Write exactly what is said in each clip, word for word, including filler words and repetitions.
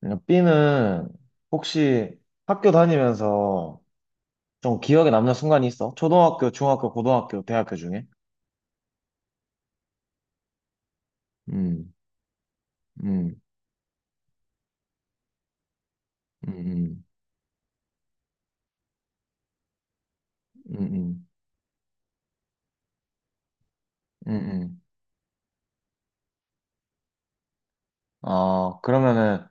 그러니까 B는 혹시 학교 다니면서 좀 기억에 남는 순간이 있어? 초등학교, 중학교, 고등학교, 대학교 중에? 음, 음, 음, 음, 음, 음, 음. 음. 아, 그러면은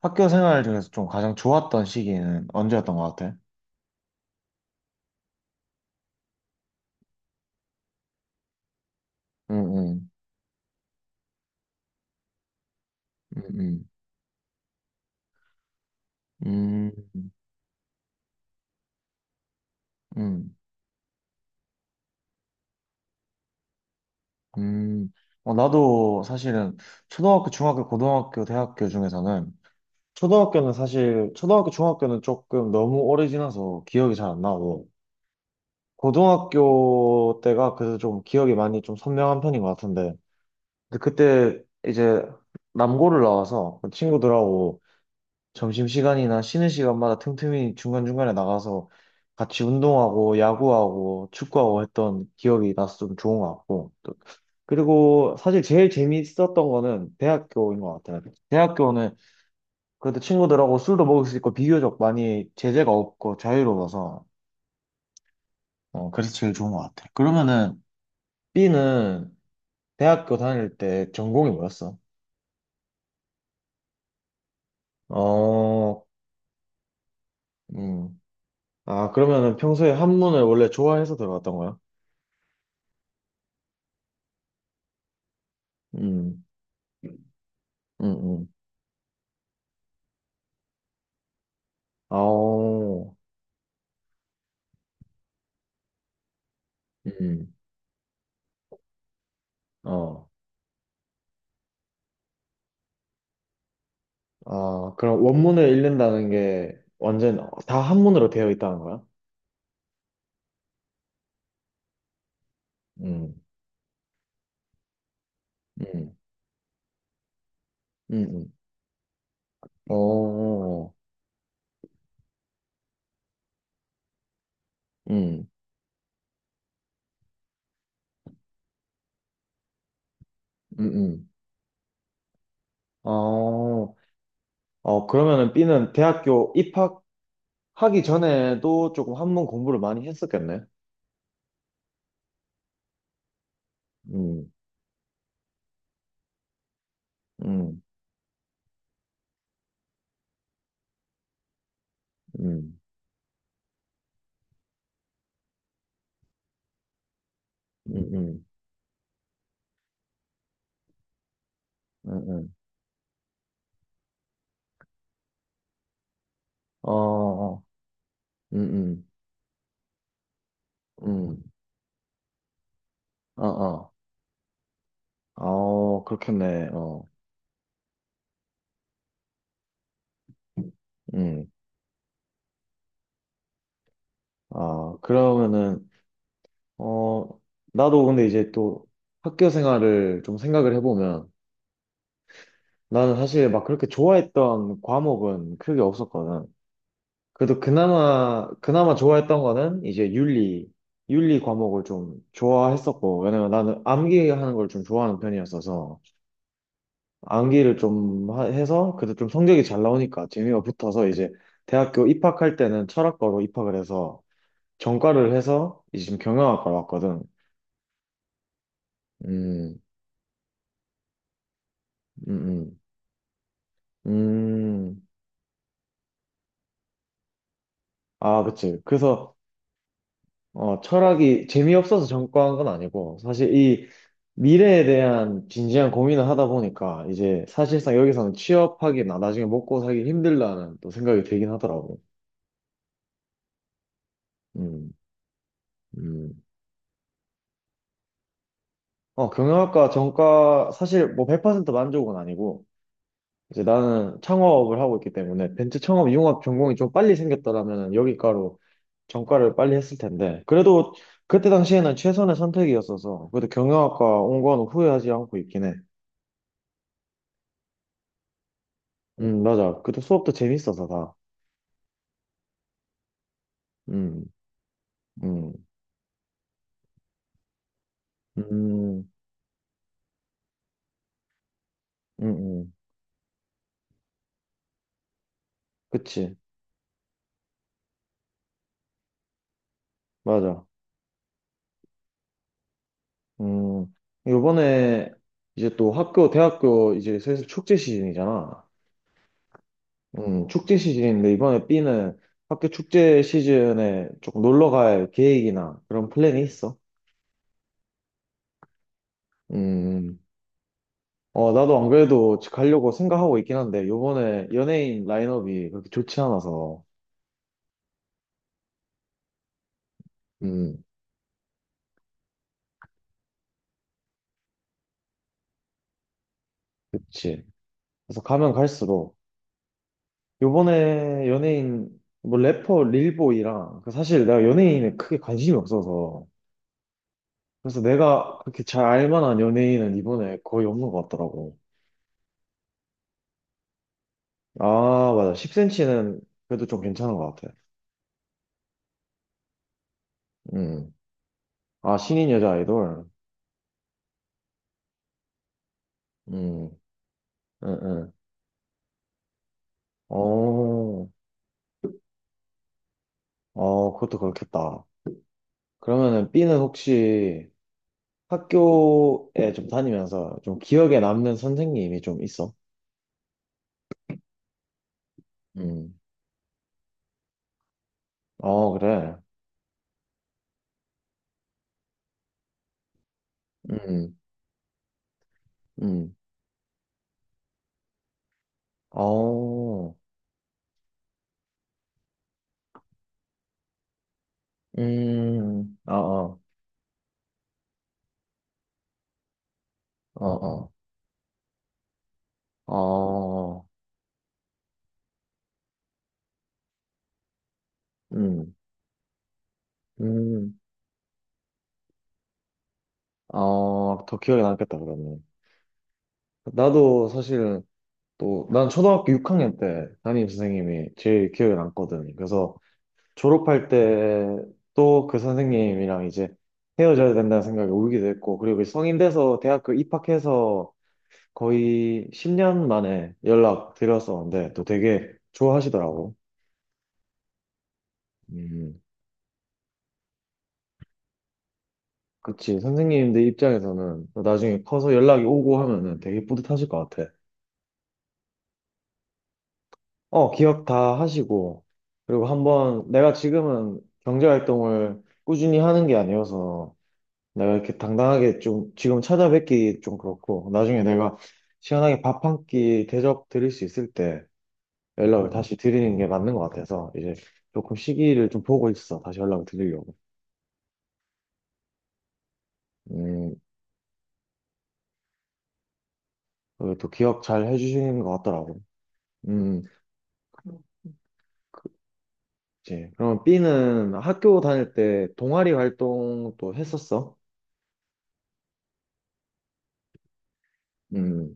학교 생활 중에서 좀 가장 좋았던 시기는 언제였던 것 같아? 음, 음, 음, 음, 음, 음. 음. 어, 나도 사실은 초등학교, 중학교, 고등학교, 대학교 중에서는 초등학교는 사실 초등학교 중학교는 조금 너무 오래 지나서 기억이 잘 안 나고 고등학교 때가 그래도 좀 기억이 많이 좀 선명한 편인 것 같은데 근데 그때 이제 남고를 나와서 그 친구들하고 점심시간이나 쉬는 시간마다 틈틈이 중간중간에 나가서 같이 운동하고 야구하고 축구하고 했던 기억이 나서 좀 좋은 것 같고 또 그리고 사실 제일 재밌었던 거는 대학교인 것 같아요. 대학교는 그래도 친구들하고 술도 먹을 수 있고 비교적 많이 제재가 없고 자유로워서 어, 그래서 제일 좋은 것 같아. 그러면은 B는 대학교 다닐 때 전공이 뭐였어? 어, 음. 아, 그러면은 평소에 한문을 원래 좋아해서 들어갔던 거야? 음, 음, 음. 아, 오, 음, 어. 아, 그럼 원문을 읽는다는 게 완전 다 한문으로 되어 있다는 거야? 음, 음, 음, 음. 오, 음, 음, 음. 어, 어, 그러면은 B는 대학교 입학하기 전에도 조금 한문 공부를 많이 했었겠네. 음, 음, 음, 음, 음, 음, 음. 어, 어, 음, 음, 음, 어, 어, 어, 그렇겠네. 어, 음, 아, 그러면은, 어, 나도 근데 이제 또 학교 생활을 좀 생각을 해보면 나는 사실 막 그렇게 좋아했던 과목은 크게 없었거든. 그래도 그나마, 그나마 좋아했던 거는 이제 윤리, 윤리 과목을 좀 좋아했었고, 왜냐면 나는 암기하는 걸 좀 좋아하는 편이었어서, 암기를 좀 하- 해서, 그래도 좀 성적이 잘 나오니까 재미가 붙어서 이제 대학교 입학할 때는 철학과로 입학을 해서, 전과를 해서 이제 지금 경영학과로 왔거든. 음, 음, 음, 음. 아, 그치. 그래서 어, 철학이 재미없어서 전과한 건 아니고, 사실 이 미래에 대한 진지한 고민을 하다 보니까, 이제 사실상 여기서는 취업하기나 나중에 먹고 살기 힘들다는 또 생각이 들긴 하더라고. 음, 음. 어, 경영학과 전과, 사실 뭐 백 퍼센트 만족은 아니고, 이제 나는 창업을 하고 있기 때문에, 벤츠 창업 융합 전공이 좀 빨리 생겼더라면 여기과로 전과를 빨리 했을 텐데, 그래도 그때 당시에는 최선의 선택이었어서, 그래도 경영학과 온건 후회하지 않고 있긴 해. 음, 맞아. 그때 수업도 재밌어서 다. 음, 음, 음, 음, 음. 그치. 맞아. 음, 요번에 이제 또 학교, 대학교 이제 슬슬 축제 시즌이잖아. 음, 축제 시즌인데 이번에 B는 학교 축제 시즌에 조금 놀러 갈 계획이나 그런 플랜이 있어? 음, 어, 나도 안 그래도 가려고 생각하고 있긴 한데 요번에 연예인 라인업이 그렇게 좋지 않아서. 음, 그치. 그래서 가면 갈수록 요번에 연예인, 뭐 래퍼 릴보이랑, 그 사실 내가 연예인에 크게 관심이 없어서, 그래서 내가 그렇게 잘 알만한 연예인은 이번에 거의 없는 것 같더라고. 아, 맞아. 십 센치는 그래도 좀 괜찮은 것 같아. 음. 아, 신인 여자 아이돌? 음, 응, 응. 어, 어, 그것도 그렇겠다. 그러면은 B는 혹시 학교에 좀 다니면서 좀 기억에 남는 선생님이 좀 있어? 음. 어, 그래. 음, 음. 어, 음, 어, 어, 어, 어, 어, 음, 음, 어, 더 기억에 남겠다, 그러면. 나도 사실 또, 난 초등학교 육 학년 때 담임 선생님이 제일 기억에 남거든. 그래서 졸업할 때 또 그 선생님이랑 이제 헤어져야 된다는 생각에 울기도 했고, 그리고 성인 돼서 대학교 입학해서 거의 십 년 만에 연락 드렸었는데, 또 되게 좋아하시더라고. 음. 그치. 선생님들 입장에서는 나중에 커서 연락이 오고 하면은 되게 뿌듯하실 것 같아. 어, 기억 다 하시고. 그리고 한번 내가 지금은 경제활동을 꾸준히 하는 게 아니어서 내가 이렇게 당당하게 좀 지금 찾아뵙기 좀 그렇고 나중에 내가 시원하게 밥 한 끼 대접 드릴 수 있을 때 연락을 다시 드리는 게 맞는 것 같아서 이제 조금 시기를 좀 보고 있어. 다시 연락을 드리려고. 음, 그리고 또 기억 잘 해주시는 것 같더라고. 음. 그치. 그럼 B는 학교 다닐 때 동아리 활동도 했었어? 음,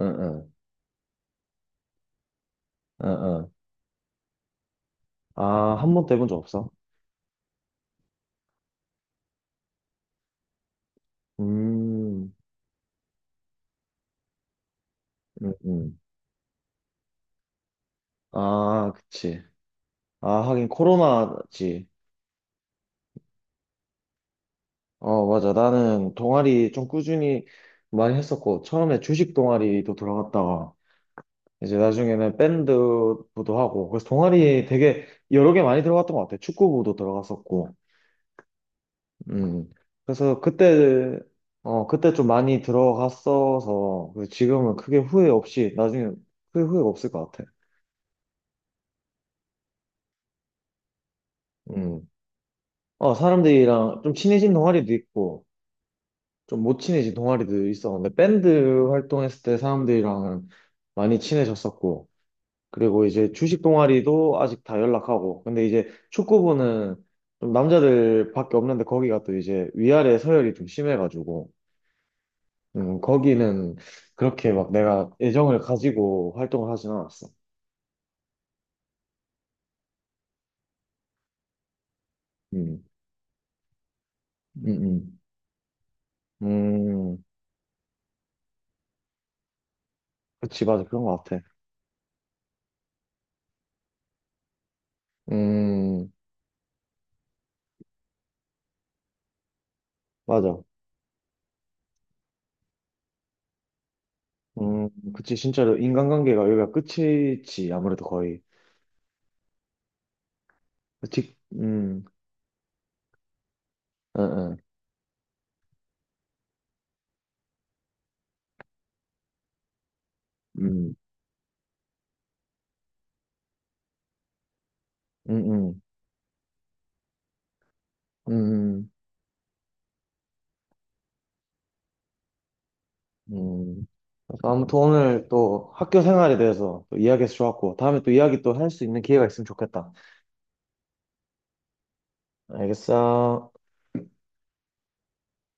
응, 응, 응, 응. 아, 한 번도 해본 적 없어? 음, 응, 응. 아, 그치. 아, 하긴 코로나지. 어, 맞아. 나는 동아리 좀 꾸준히 많이 했었고, 처음에 주식 동아리도 들어갔다가, 이제 나중에는 밴드부도 하고, 그래서 동아리 되게 여러 개 많이 들어갔던 것 같아. 축구부도 들어갔었고. 음. 그래서 그때, 어, 그때 좀 많이 들어갔어서, 그 지금은 크게 후회 없이, 나중에 크게 후회 없을 것 같아. 음. 어, 사람들이랑 좀 친해진 동아리도 있고, 좀 못 친해진 동아리도 있어. 근데 밴드 활동했을 때 사람들이랑 은 많이 친해졌었고, 그리고 이제 주식 동아리도 아직 다 연락하고, 근데 이제 축구부는 좀 남자들밖에 없는데 거기가 또 이제 위아래 서열이 좀 심해가지고, 음, 거기는 그렇게 막 내가 애정을 가지고 활동을 하진 않았어. 음, 음, 음. 음, 그치, 맞아. 그런 것 같아. 음, 맞아. 음, 그치, 진짜로 인간관계가 여기가 끝이지, 아무래도 거의. 그치, 음, 응, 응, 음, 음, 음, 음. 음. 그래서 아무튼 오늘 또 학교 생활에 대해서 또 이야기해서 좋았고, 다음에 또 이야기 또 할 수 있는 기회가 있으면 좋겠다. 알겠어.